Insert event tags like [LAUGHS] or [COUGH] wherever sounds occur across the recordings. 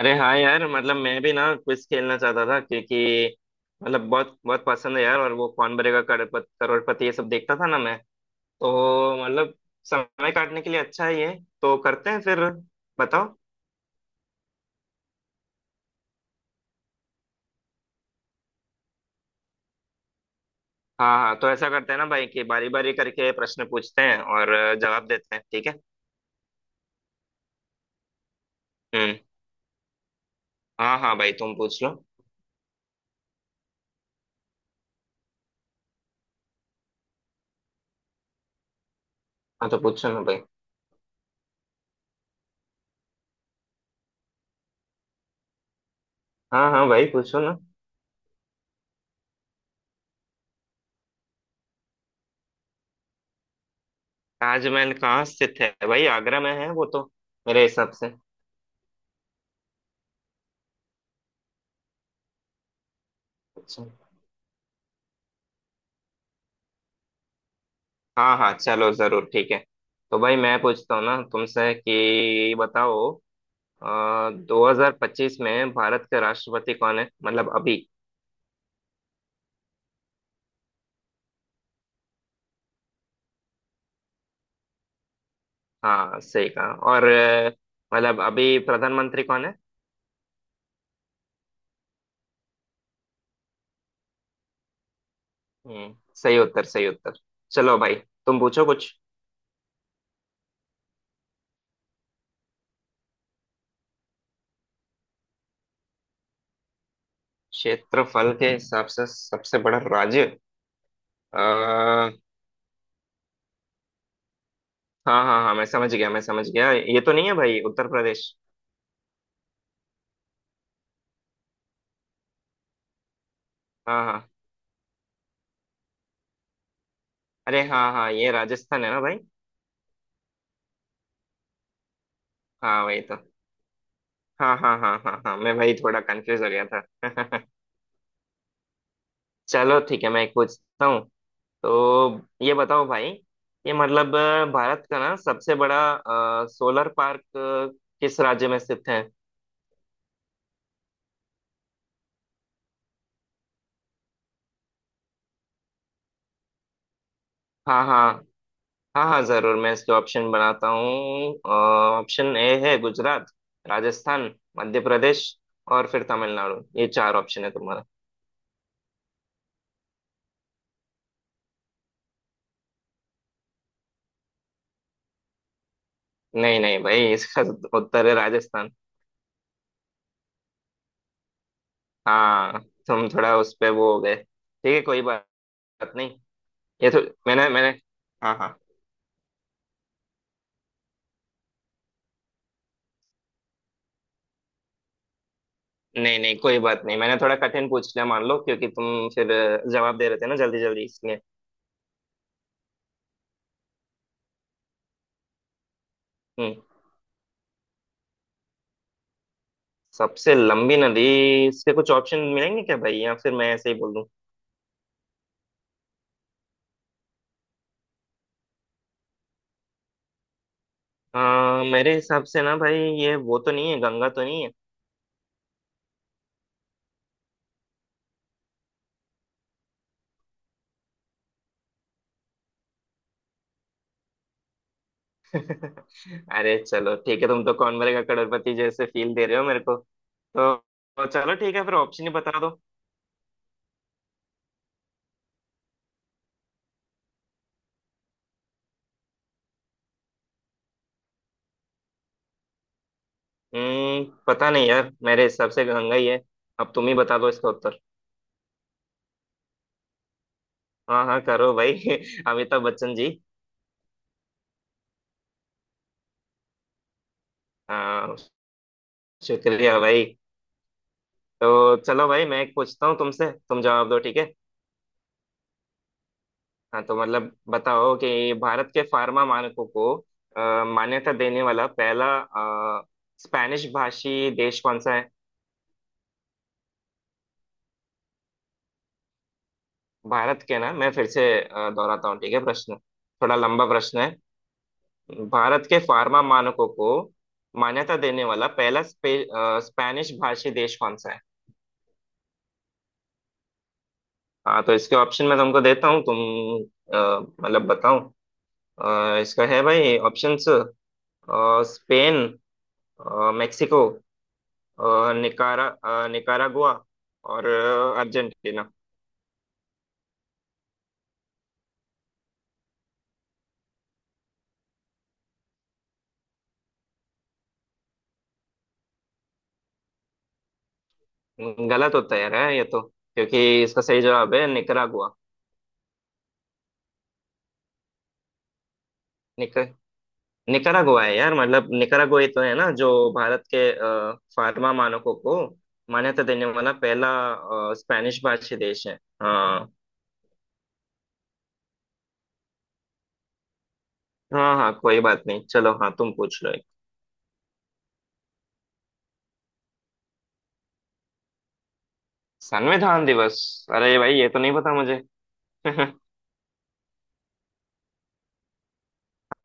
अरे हाँ यार, मतलब मैं भी ना क्विज खेलना चाहता था क्योंकि मतलब बहुत बहुत पसंद है यार। और वो कौन बनेगा करोड़पति करोड़पति ये सब देखता था ना मैं। तो मतलब समय काटने के लिए अच्छा है ये। तो करते हैं फिर। बताओ। हाँ हाँ, तो ऐसा करते हैं ना भाई कि बारी बारी करके प्रश्न पूछते हैं और जवाब देते हैं, ठीक है। हम्म। हाँ हाँ भाई, तुम पूछ लो। हाँ तो पूछो ना भाई। हाँ हाँ भाई, पूछो ना। ताजमहल कहाँ स्थित है भाई, आगरा में है वो तो, मेरे हिसाब से। अच्छा। हाँ हाँ चलो जरूर, ठीक है। तो भाई मैं पूछता हूँ ना तुमसे कि बताओ, 2025 में भारत के राष्ट्रपति कौन है, मतलब अभी। हाँ सही कहा। और मतलब अभी प्रधानमंत्री कौन है। हम्म सही उत्तर, सही उत्तर। चलो भाई, तुम पूछो कुछ। क्षेत्रफल के हिसाब से सबसे बड़ा राज्य। आ, हाँ हाँ हाँ, मैं समझ गया मैं समझ गया, ये तो नहीं है भाई उत्तर प्रदेश। हाँ हाँ, अरे हाँ हाँ, ये राजस्थान है ना भाई। हाँ वही तो। हाँ हाँ हाँ हाँ हाँ, मैं वही थोड़ा कंफ्यूज हो गया था। [LAUGHS] चलो ठीक है, मैं एक पूछता हूँ। तो ये बताओ भाई, ये मतलब भारत का ना सबसे बड़ा सोलर पार्क किस राज्य में स्थित है। हाँ हाँ। हाँ हाँ जरूर, मैं इसके ऑप्शन बनाता हूँ। ऑप्शन ए है गुजरात, राजस्थान, मध्य प्रदेश और फिर तमिलनाडु, ये चार ऑप्शन है तुम्हारा। नहीं नहीं भाई, इसका उत्तर है राजस्थान। हाँ। तुम थोड़ा उस पे वो हो गए, ठीक है कोई बात नहीं। ये तो मैंने मैंने हाँ हाँ, नहीं नहीं कोई बात नहीं, मैंने थोड़ा कठिन पूछ लिया मान लो, क्योंकि तुम फिर जवाब दे रहे थे ना जल्दी जल्दी इसलिए। हम्म। सबसे लंबी नदी। इसके कुछ ऑप्शन मिलेंगे क्या भाई, या फिर मैं ऐसे ही बोल दूं। मेरे हिसाब से ना भाई, ये वो तो नहीं है, गंगा तो नहीं है। [LAUGHS] अरे चलो ठीक है, तुम तो कौन बनेगा करोड़पति जैसे फील दे रहे हो मेरे को, तो चलो ठीक है फिर ऑप्शन ही बता दो। पता नहीं यार, मेरे हिसाब से गंगा ही है। अब तुम ही बता दो इसका उत्तर। हाँ हाँ करो भाई। [LAUGHS] अमिताभ बच्चन जी। हाँ शुक्रिया भाई। तो चलो भाई, मैं एक पूछता हूँ तुमसे, तुम जवाब दो ठीक है। हाँ तो मतलब बताओ कि भारत के फार्मा मानकों को मान्यता देने वाला पहला स्पेनिश भाषी देश कौन सा है। भारत के ना, मैं फिर से दोहराता हूँ ठीक है प्रश्न, थोड़ा लंबा प्रश्न है। भारत के फार्मा मानकों को मान्यता देने वाला पहला स्पेनिश भाषी देश कौन सा है। हाँ तो इसके ऑप्शन मैं तुमको देता हूँ, तुम अ, मतलब बताओ। इसका है भाई ऑप्शंस। स्पेन, मेक्सिको, निकारागुआ और अर्जेंटीना। गलत होता है यार, है ये तो, क्योंकि इसका सही जवाब है निकारागुआ। निक निकारागुआ है यार, मतलब निकारागुआ ही तो है ना, जो भारत के फार्मा मानकों को मान्यता देने वाला पहला स्पेनिश भाषी देश है। हाँ हाँ हाँ कोई बात नहीं, चलो हाँ तुम पूछ लो। संविधान दिवस। अरे भाई, ये तो नहीं पता मुझे। [LAUGHS]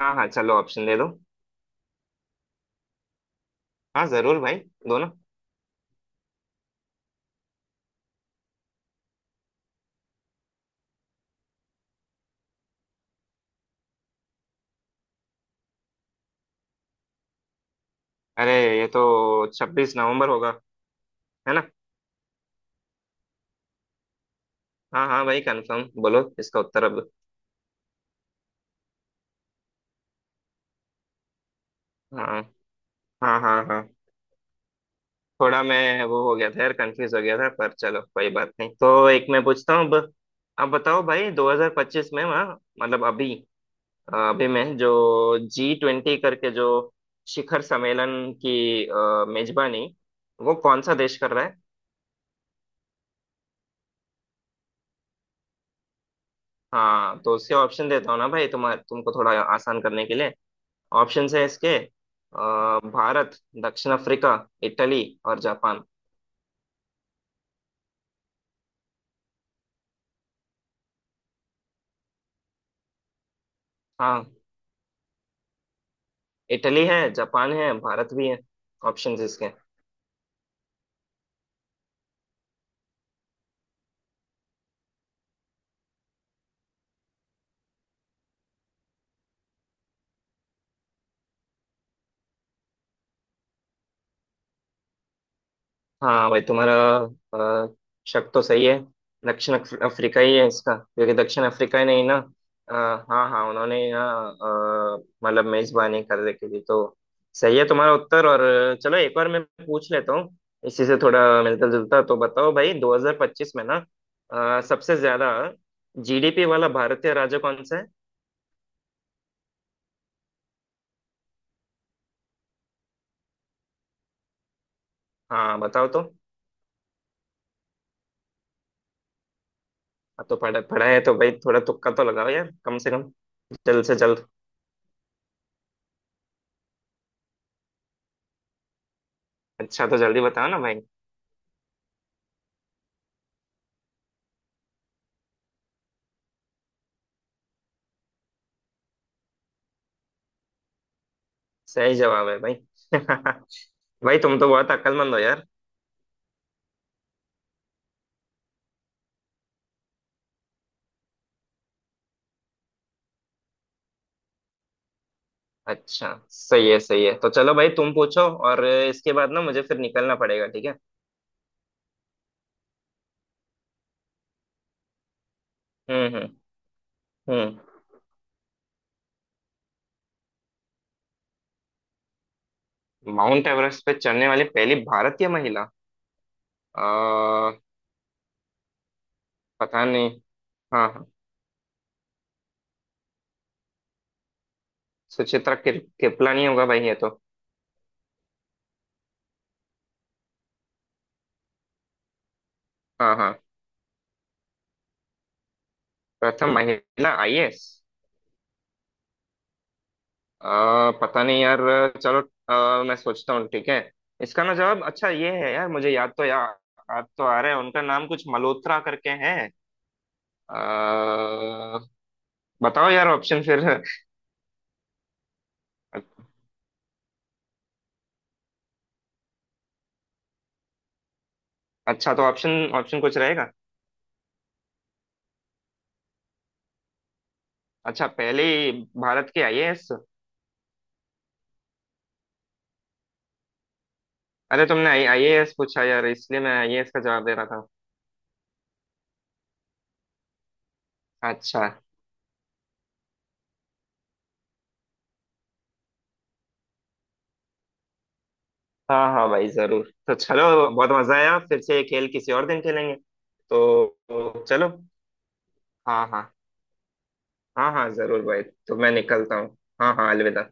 हाँ हाँ चलो, ऑप्शन दे दो। हाँ जरूर भाई। दोनों। अरे ये तो 26 नवंबर होगा, है ना। हाँ हाँ भाई कंफर्म, बोलो इसका उत्तर अब। हाँ हाँ हाँ हाँ। थोड़ा मैं वो हो गया था यार, कंफ्यूज हो गया था, पर चलो कोई बात नहीं। तो एक मैं पूछता हूँ अब। अब बताओ भाई, 2025 में वहाँ, मतलब अभी, अभी में जो, जी ट्वेंटी करके जो शिखर सम्मेलन की मेजबानी, वो कौन सा देश कर रहा है। हाँ तो उसके ऑप्शन देता हूँ ना भाई तुम्हारे, तुमको थोड़ा आसान करने के लिए। ऑप्शंस है इसके भारत, दक्षिण अफ्रीका, इटली और जापान। हाँ, इटली है, जापान है, भारत भी है, ऑप्शंस इसके। हाँ भाई तुम्हारा अ, शक तो सही है। दक्षिण अफ्रीका ही है इसका, क्योंकि दक्षिण अफ्रीका ही नहीं ना। अ, हाँ हाँ, उन्होंने ही ना अ, मतलब मेजबानी कर रखी थी, तो सही है तुम्हारा उत्तर। और चलो एक और मैं पूछ लेता हूँ, इसी से थोड़ा मिलता जुलता। तो बताओ भाई, 2025 में ना सबसे ज्यादा जीडीपी वाला भारतीय राज्य कौन सा है। हाँ बताओ तो। अब तो पढ़ा पढ़ा है तो भाई, थोड़ा तुक्का तो लगाओ यार कम से कम, जल्द से जल्द। अच्छा तो जल्दी बताओ ना भाई। सही जवाब है भाई। [LAUGHS] भाई तुम तो बहुत अक्लमंद हो यार। अच्छा सही है, सही है, तो चलो भाई तुम पूछो। और इसके बाद ना मुझे फिर निकलना पड़ेगा, ठीक है। हम्म हम्म हम्म। माउंट एवरेस्ट पे चढ़ने वाली पहली भारतीय महिला। आ, पता नहीं। हाँ हाँ। सुचित्रा किपला नहीं होगा भाई ये तो। हाँ हाँ। प्रथम महिला आईएएस। पता नहीं यार। चलो मैं सोचता हूँ ठीक है। इसका ना जवाब, अच्छा ये है यार, मुझे याद तो यार, याद तो आ रहा है उनका नाम, कुछ मल्होत्रा करके है। अ, बताओ यार ऑप्शन फिर। अच्छा तो ऑप्शन ऑप्शन कुछ रहेगा। अच्छा, पहले ही भारत की आईएएस। अरे तुमने आई आईएएस पूछा यार, इसलिए मैं आईएएस का जवाब दे रहा था। अच्छा। हाँ हाँ भाई जरूर, तो चलो, बहुत मजा आया। फिर से ये खेल किसी और दिन खेलेंगे तो चलो। हाँ हाँ हाँ हाँ जरूर भाई, तो मैं निकलता हूँ। हाँ हाँ अलविदा।